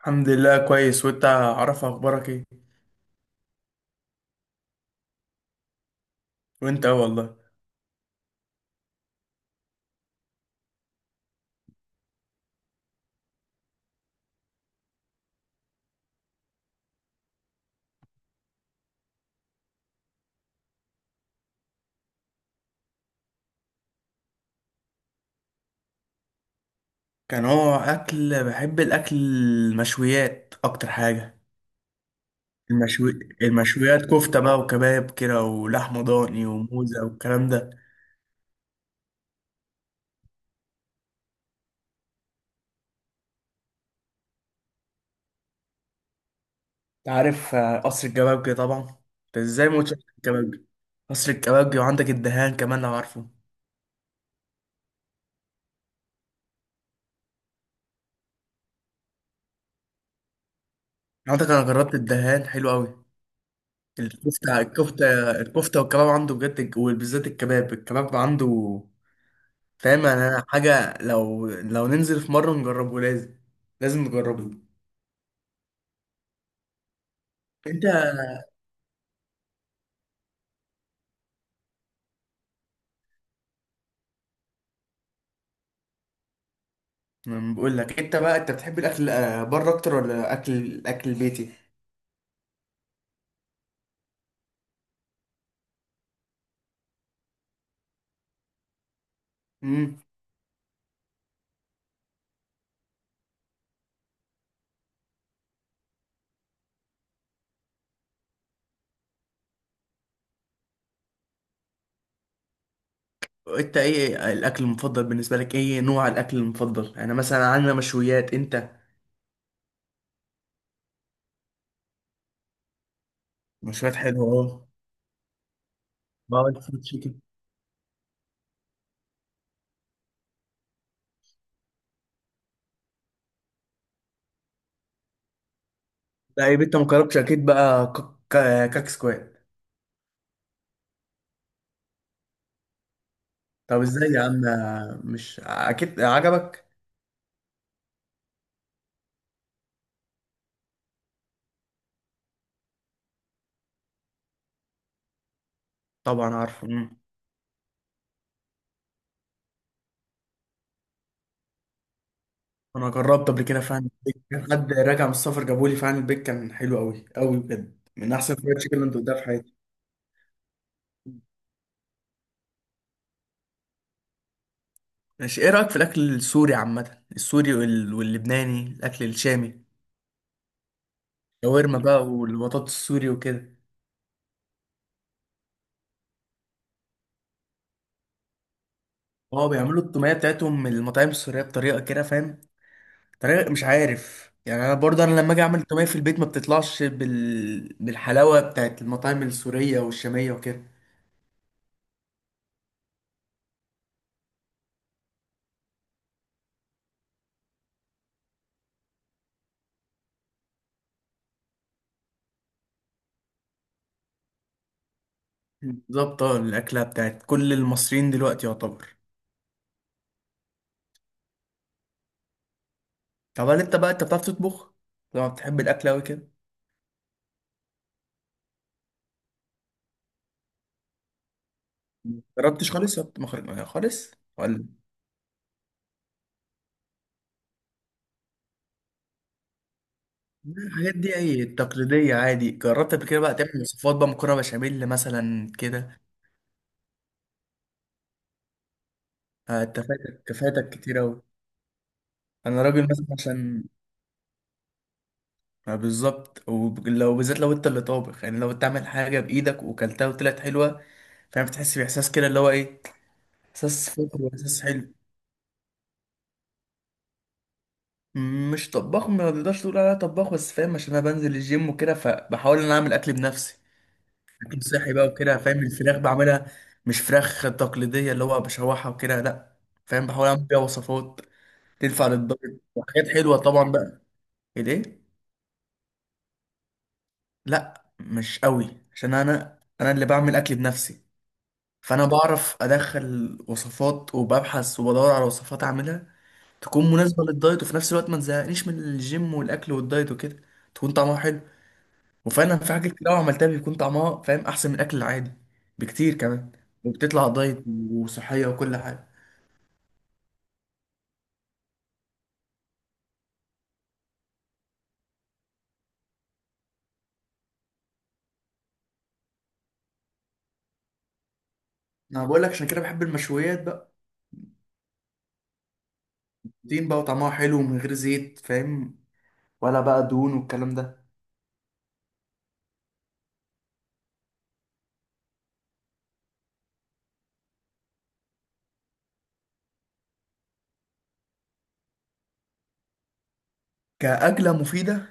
الحمد لله كويس، وانت عارف اخبارك ايه؟ وانت اه والله. كان هو اكل بحب الاكل المشويات اكتر حاجه. المشوي المشويات كفته بقى وكباب كده، ولحمه ضاني وموزه والكلام ده. انت عارف، قصر الكبابجي طبعا. انت ازاي ما قلتش قصر الكبابجي؟ قصر الكبابجي، وعندك الدهان كمان لو عارفه. عندك انا جربت الدهان، حلو قوي. الكفته والكباب عنده بجد، وبالذات الكباب عنده. فاهم؟ يعني انا حاجه، لو ننزل في مره نجربه لازم. لازم نجربه. انت أنا. بقول لك، انت بقى انت بتحب الاكل، بره اكتر ولا الاكل البيتي؟ امم. انت ايه الاكل المفضل بالنسبه لك؟ ايه نوع الاكل المفضل؟ انا مثلا عندنا مشويات، انت؟ مشويات حلوه اه. بقى أنت فود تشيكن. لا يبقى انت ما جربتش اكيد بقى كاك سكوات. طب ازاي يا عم؟ مش اكيد عجبك؟ طبعا عارفه. انا جربت قبل كده فعلا البيك، كان حد راجع من السفر جابولي، فعلا البيك كان حلو قوي قوي بجد، من احسن فرايد تشيكن اللي أنا دوقتها في حياتي. ماشي، ايه رايك في الاكل السوري عامه، السوري واللبناني، الاكل الشامي؟ شاورما بقى والبطاطس السوري وكده. اه بيعملوا التوميه بتاعتهم من المطاعم السوريه بطريقه كده، فاهم؟ طريقه مش عارف يعني، انا برضه انا لما اجي اعمل التوميه في البيت ما بتطلعش بالحلاوه بتاعت المطاعم السوريه والشاميه وكده. بالظبط اه، الاكله بتاعت كل المصريين دلوقتي يعتبر. طب هل انت بقى انت بتعرف تطبخ؟ لو بتحب الاكل قوي كده. جربتش خالص ولا خالص؟ ولا. لا، الحاجات دي اي تقليدية عادي. جربت قبل كده بقى تعمل وصفات بقى، مكرونة بشاميل مثلا كده؟ آه، انت فاتك كفايتك كتير اوي. انا راجل مثلا عشان. آه، بالظبط، ولو بالذات لو انت اللي طابخ، يعني لو بتعمل حاجة بايدك وكلتها وطلعت حلوة. فاهم؟ بتحس باحساس كده اللي هو ايه. احساس فخر واحساس حلو. مش طباخ، ما تقدرش تقول عليا طباخ، بس فاهم عشان انا بنزل الجيم وكده، فبحاول ان انا اعمل اكل بنفسي. اكل صحي بقى وكده، فاهم؟ الفراخ بعملها. مش فراخ تقليديه اللي هو بشوحها وكده، لا. فاهم؟ بحاول اعمل بيها وصفات تنفع للدايت وحاجات حلوه طبعا بقى. ايه. لا مش قوي، عشان انا اللي بعمل اكل بنفسي. فانا بعرف ادخل وصفات، وببحث وبدور على وصفات اعملها تكون مناسبه للدايت، وفي نفس الوقت ما تزهقنيش من الجيم والاكل والدايت وكده. تكون طعمها حلو. وفعلا في حاجات كتير قوي عملتها بيكون طعمها، فاهم، احسن من الاكل العادي. بكتير كمان. وبتطلع دايت. وصحيه وكل حاجه. انا بقول لك عشان كده بحب المشويات بقى. دين بقى وطعمها حلو ومن غير زيت، فاهم؟ ولا بقى دهون والكلام ده. كاكله مفيده.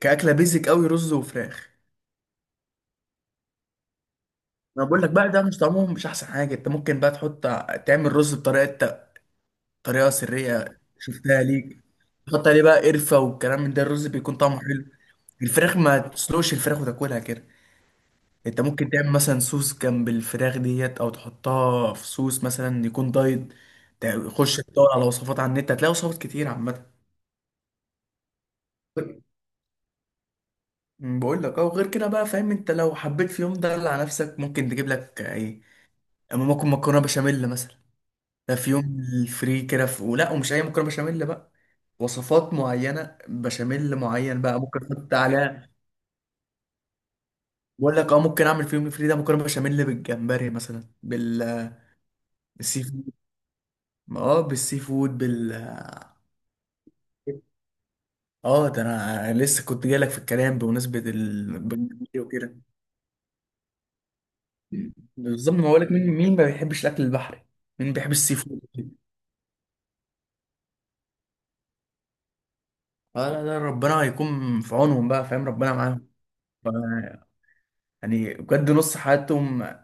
كاكله بيزك قوي، رز وفراخ. انا بقول لك بقى، ده مش طعمهم مش احسن حاجه. انت ممكن بقى تحط، تعمل رز بطريقه، طريقه سريه شفتها ليك. تحط عليه بقى قرفه والكلام من ده، الرز بيكون طعمه حلو. الفراخ، ما تسلقش الفراخ وتاكلها كده. انت ممكن تعمل مثلا صوص جنب الفراخ ديت، او تحطها في صوص مثلا يكون دايت. تخش تدور على وصفات على النت، هتلاقي وصفات كتير عامه. أمم، بقول لك اه، وغير كده بقى فاهم، انت لو حبيت في يوم ده على نفسك ممكن تجيب لك ايه؟ اما ممكن مكرونه بشاميل مثلا. ده في يوم الفري كده، ولا، ومش اي مكرونه بشاميل بقى، وصفات معينه بشاميل معين بقى ممكن احط عليها. بقول لك اه، ممكن اعمل في يوم الفري ده مكرونه بشاميل بالجمبري مثلا، بالسي فود. اه بالسي فود اه ده انا لسه كنت جايلك في الكلام بمناسبه ال وكده. بالظبط، ما بقولك مين ما بيحبش الاكل البحري؟ مين بيحب السي فود؟ اه لا لا، ربنا هيكون في عونهم بقى، فاهم؟ ربنا معاهم. ف- يعني بجد نص حياتهم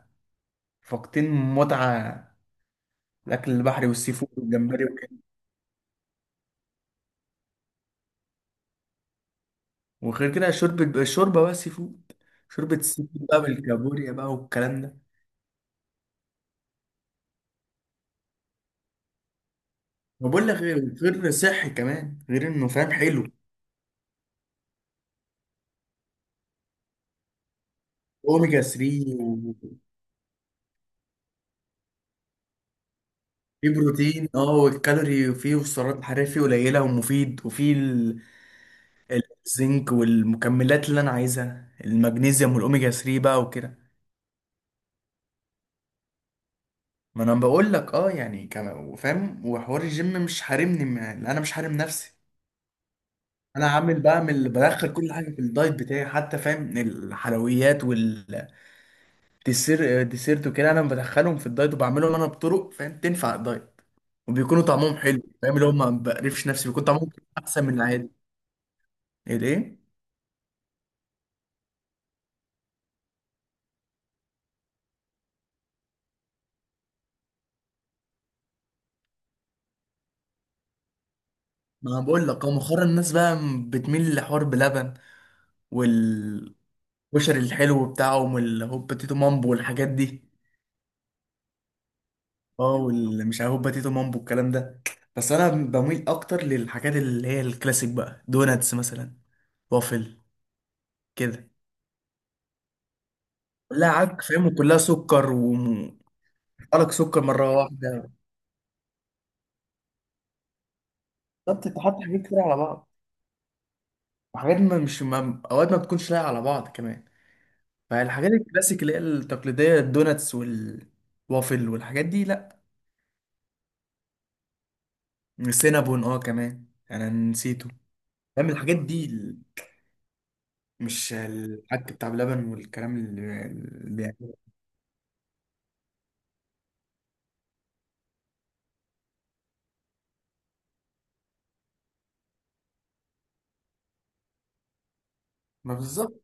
فاقدين متعه الاكل البحري والسي فود والجمبري وكده. وغير كده الشوربه بقى سي فود. شوربه السي فود بقى، بالكابوريا بقى والكلام ده. ما بقول لك، غير صحي كمان، غير انه فاهم حلو. اوميجا 3. فيه بروتين اه، والكالوري فيه والسعرات الحرارية فيه قليلة ومفيد، وفيه الزنك والمكملات اللي انا عايزها، المغنيسيوم والاوميجا 3 بقى وكده. ما انا بقول لك اه، يعني كان فاهم، وحوار الجيم مش حارمني، يعني انا مش حارم نفسي. انا عامل بعمل بدخل كل حاجه في الدايت بتاعي، حتى فاهم الحلويات والديسير ديسيرت وكده، انا بدخلهم في الدايت، وبعملهم انا بطرق فاهم تنفع الدايت، وبيكونوا طعمهم حلو، فاهم، اللي هم ما بقرفش نفسي بيكون طعمهم احسن من العادي. ايه ده؟ ما انا بقول لك، هو مؤخرا الناس بقى بتميل لحوار بلبن والكشري، الحلو بتاعهم، والهوبا تيتو مامبو والحاجات دي. اه، واللي مش عارف هوبا تيتو مامبو الكلام ده، بس انا بميل اكتر للحاجات اللي هي الكلاسيك بقى، دوناتس مثلا، وافل كده. كلها عك فاهم، وكلها سكر، وقالك سكر مره واحده. بالظبط، انت حاطط حاجات كتير على بعض، وحاجات ما اوقات ما بتكونش لايقه على بعض كمان. فالحاجات الكلاسيك اللي هي التقليديه، الدوناتس وال وافل والحاجات دي، لا. سينابون اه كمان، يعني انا نسيته. فاهم الحاجات دي مش الحاجات بتاع بلبن والكلام اللي بيعمل. ما بالظبط.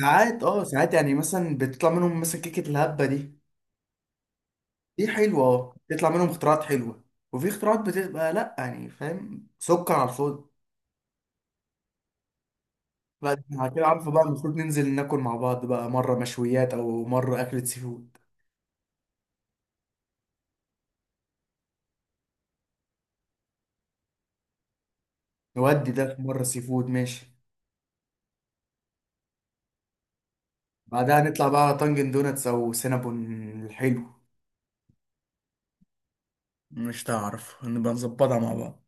ساعات يعني مثلا بتطلع منهم مثلا كيكة الهبة دي. دي حلوة اه، بتطلع منهم اختراعات حلوة، وفي اختراعات بتبقى لا، يعني فاهم سكر على الفاضي. لا ده احنا كده عارفه بقى، المفروض ننزل ناكل مع بعض بقى، مرة مشويات او مرة أكلة سي فود. نودي ده في مرة سي فود، ماشي. بعدها نطلع بقى على طنجن دوناتس او سينابون الحلو. مش تعرف نبقى نظبطها مع بعض.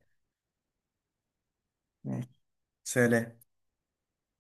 ماشي. سلام.